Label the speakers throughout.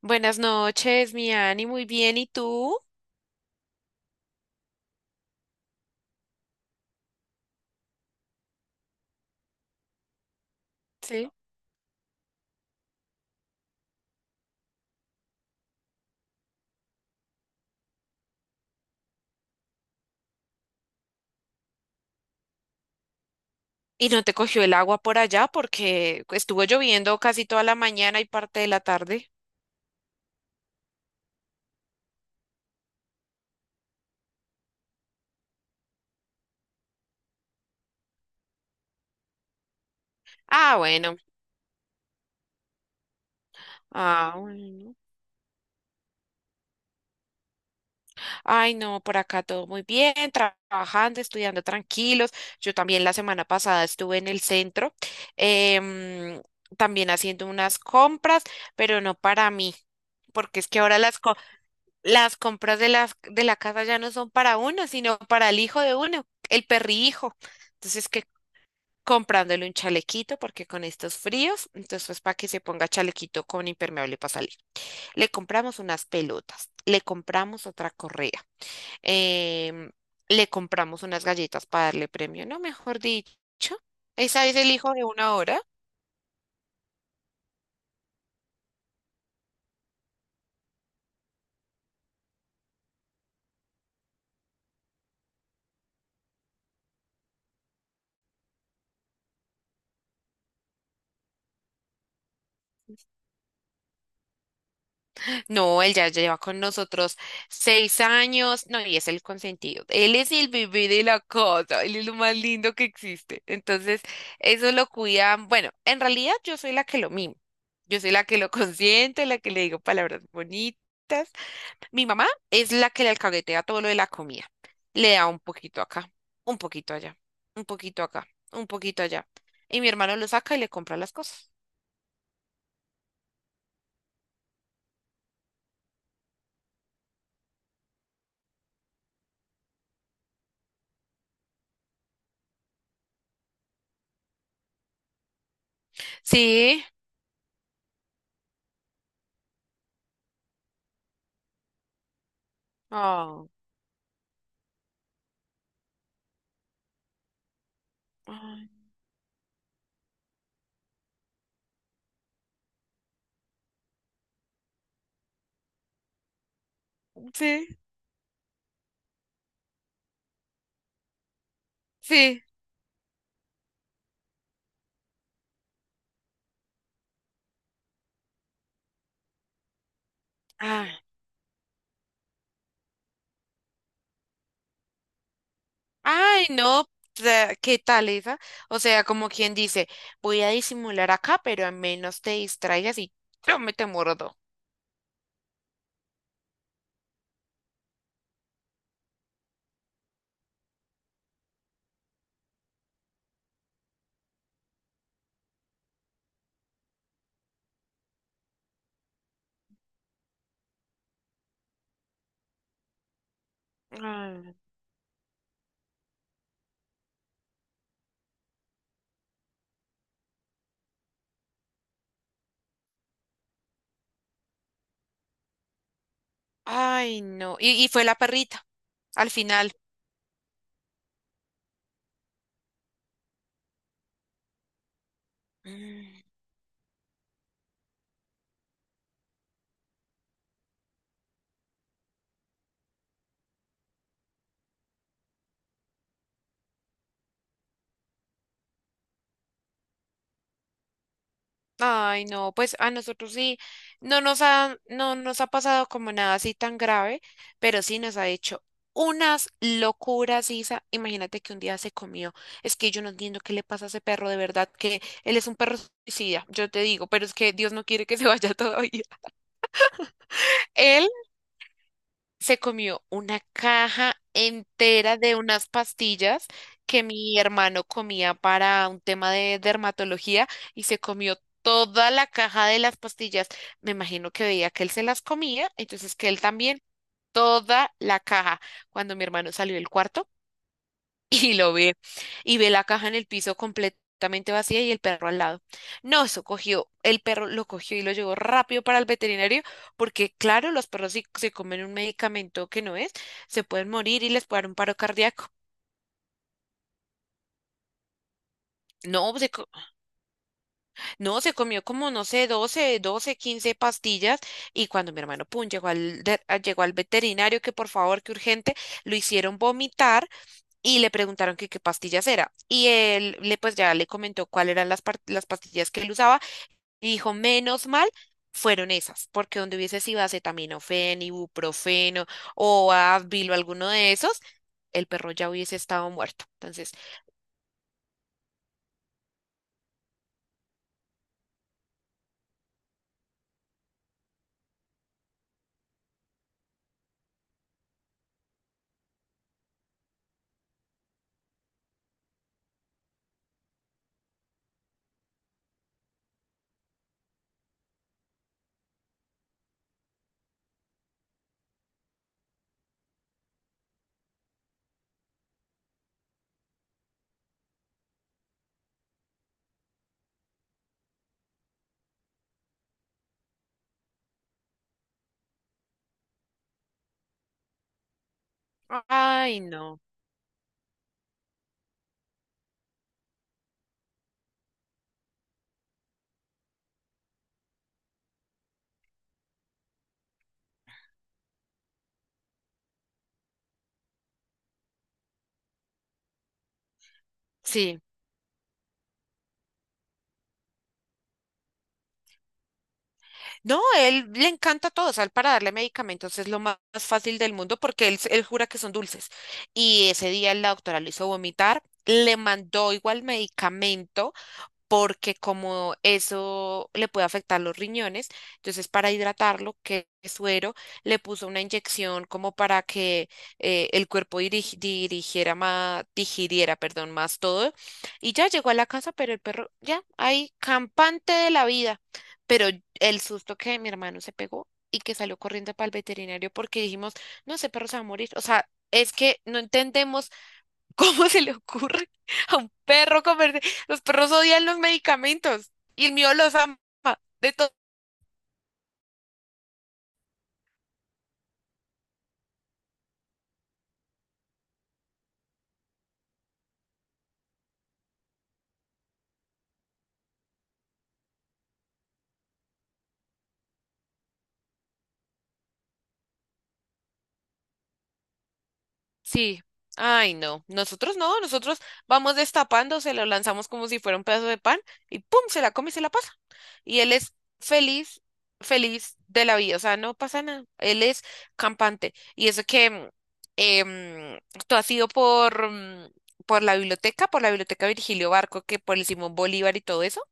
Speaker 1: Buenas noches, mi Ani, muy bien. ¿Y tú? Sí. ¿Y no te cogió el agua por allá porque estuvo lloviendo casi toda la mañana y parte de la tarde? Ah, bueno. Ah, bueno. Ay, no, por acá todo muy bien, trabajando, estudiando tranquilos. Yo también la semana pasada estuve en el centro, em, también haciendo unas compras, pero no para mí, porque es que ahora las compras de la casa ya no son para uno, sino para el hijo de uno, el perrihijo. Entonces, que comprándole un chalequito, porque con estos fríos, entonces pues para que se ponga chalequito con impermeable para salir. Le compramos unas pelotas, le compramos otra correa, em, le compramos unas galletas para darle premio, no, mejor dicho. Esa es el hijo de una hora. No, él ya lleva con nosotros 6 años. No, y es el consentido. Él es el bebé de la casa. Él es lo más lindo que existe. Entonces, eso lo cuidan. Bueno, en realidad yo soy la que lo mimo. Yo soy la que lo consiente, la que le digo palabras bonitas. Mi mamá es la que le alcahuetea todo lo de la comida. Le da un poquito acá, un poquito allá, un poquito acá, un poquito allá. Y mi hermano lo saca y le compra las cosas. Sí. Oh, sí, sí. Ah, ay, no, ¿qué tal esa? O sea, como quien dice, voy a disimular acá, pero al menos te distraigas y yo me te muerdo. Ah, ay, no. Y fue la perrita, al final. Mm. Ay, no, pues a nosotros sí, no nos ha pasado como nada así tan grave, pero sí nos ha hecho unas locuras, Isa. Imagínate que un día se comió. Es que yo no entiendo qué le pasa a ese perro, de verdad, que él es un perro suicida, yo te digo, pero es que Dios no quiere que se vaya todavía. Él se comió una caja entera de unas pastillas que mi hermano comía para un tema de dermatología y se comió toda la caja de las pastillas. Me imagino que veía que él se las comía, entonces que él también, toda la caja. Cuando mi hermano salió del cuarto, y lo ve y ve la caja en el piso completamente vacía y el perro al lado. No, eso cogió, el perro lo cogió y lo llevó rápido para el veterinario porque claro, los perros si se comen un medicamento que no es, se pueden morir y les puede dar un paro cardíaco. No, no, se comió como, no sé, doce 15 pastillas y cuando mi hermano, pum, llegó al llegó al veterinario que por favor, que urgente, lo hicieron vomitar y le preguntaron que qué pastillas era. Y él le pues ya le comentó cuáles eran las pastillas que él usaba y dijo, menos mal fueron esas, porque donde hubiese sido acetaminofén, ibuprofeno o Advil o alguno de esos, el perro ya hubiese estado muerto. Entonces, ay, no. Sí. No, él le encanta todo, o sea, él para darle medicamentos es lo más fácil del mundo porque él jura que son dulces. Y ese día la doctora lo hizo vomitar, le mandó igual medicamento porque como eso le puede afectar los riñones, entonces para hidratarlo, que es suero, le puso una inyección como para que el cuerpo dirigiera más, digiriera, perdón, más todo. Y ya llegó a la casa, pero el perro ya ahí, campante de la vida. Pero el susto que mi hermano se pegó y que salió corriendo para el veterinario porque dijimos, no, ese perro se va a morir. O sea, es que no entendemos. ¿Cómo se le ocurre a un perro comer? Los perros odian los medicamentos y el mío los ama de todo. Sí. Ay, no. Nosotros no. Nosotros vamos destapando, se lo lanzamos como si fuera un pedazo de pan y pum, se la come y se la pasa. Y él es feliz, feliz de la vida. O sea, no pasa nada. Él es campante. Y eso que em, tú has ido por la biblioteca, por la biblioteca Virgilio Barco, que por el Simón Bolívar y todo eso.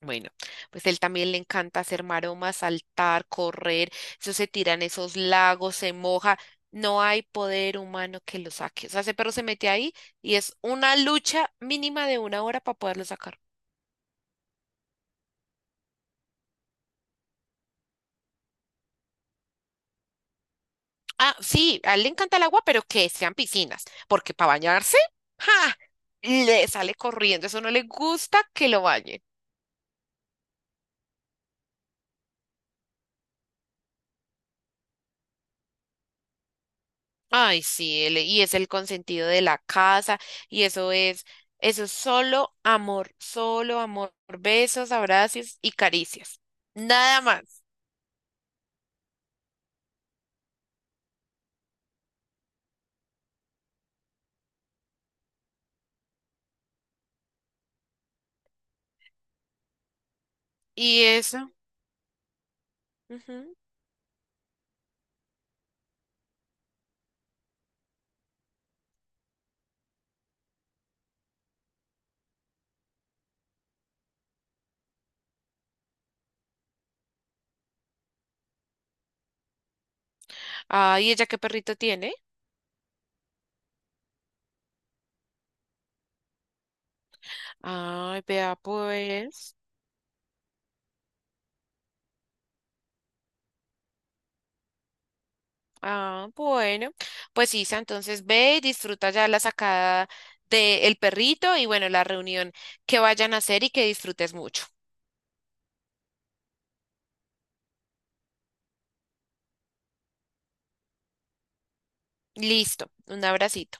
Speaker 1: Bueno, pues él también le encanta hacer maromas, saltar, correr, eso se tiran esos lagos, se moja, no hay poder humano que lo saque. O sea, ese perro se mete ahí y es una lucha mínima de una hora para poderlo sacar. Ah, sí, a él le encanta el agua, pero que sean piscinas, porque para bañarse, ¡ja! Le sale corriendo, eso no le gusta que lo bañen. Ay, sí, y es el consentido de la casa, y eso es solo amor, besos, abrazos y caricias, nada más. Y eso. Ujú. Ay, ¿ella qué perrito tiene? Ay, vea pues. Ah, bueno. Pues Isa, entonces ve y disfruta ya la sacada del perrito y bueno, la reunión que vayan a hacer y que disfrutes mucho. Listo, un abracito.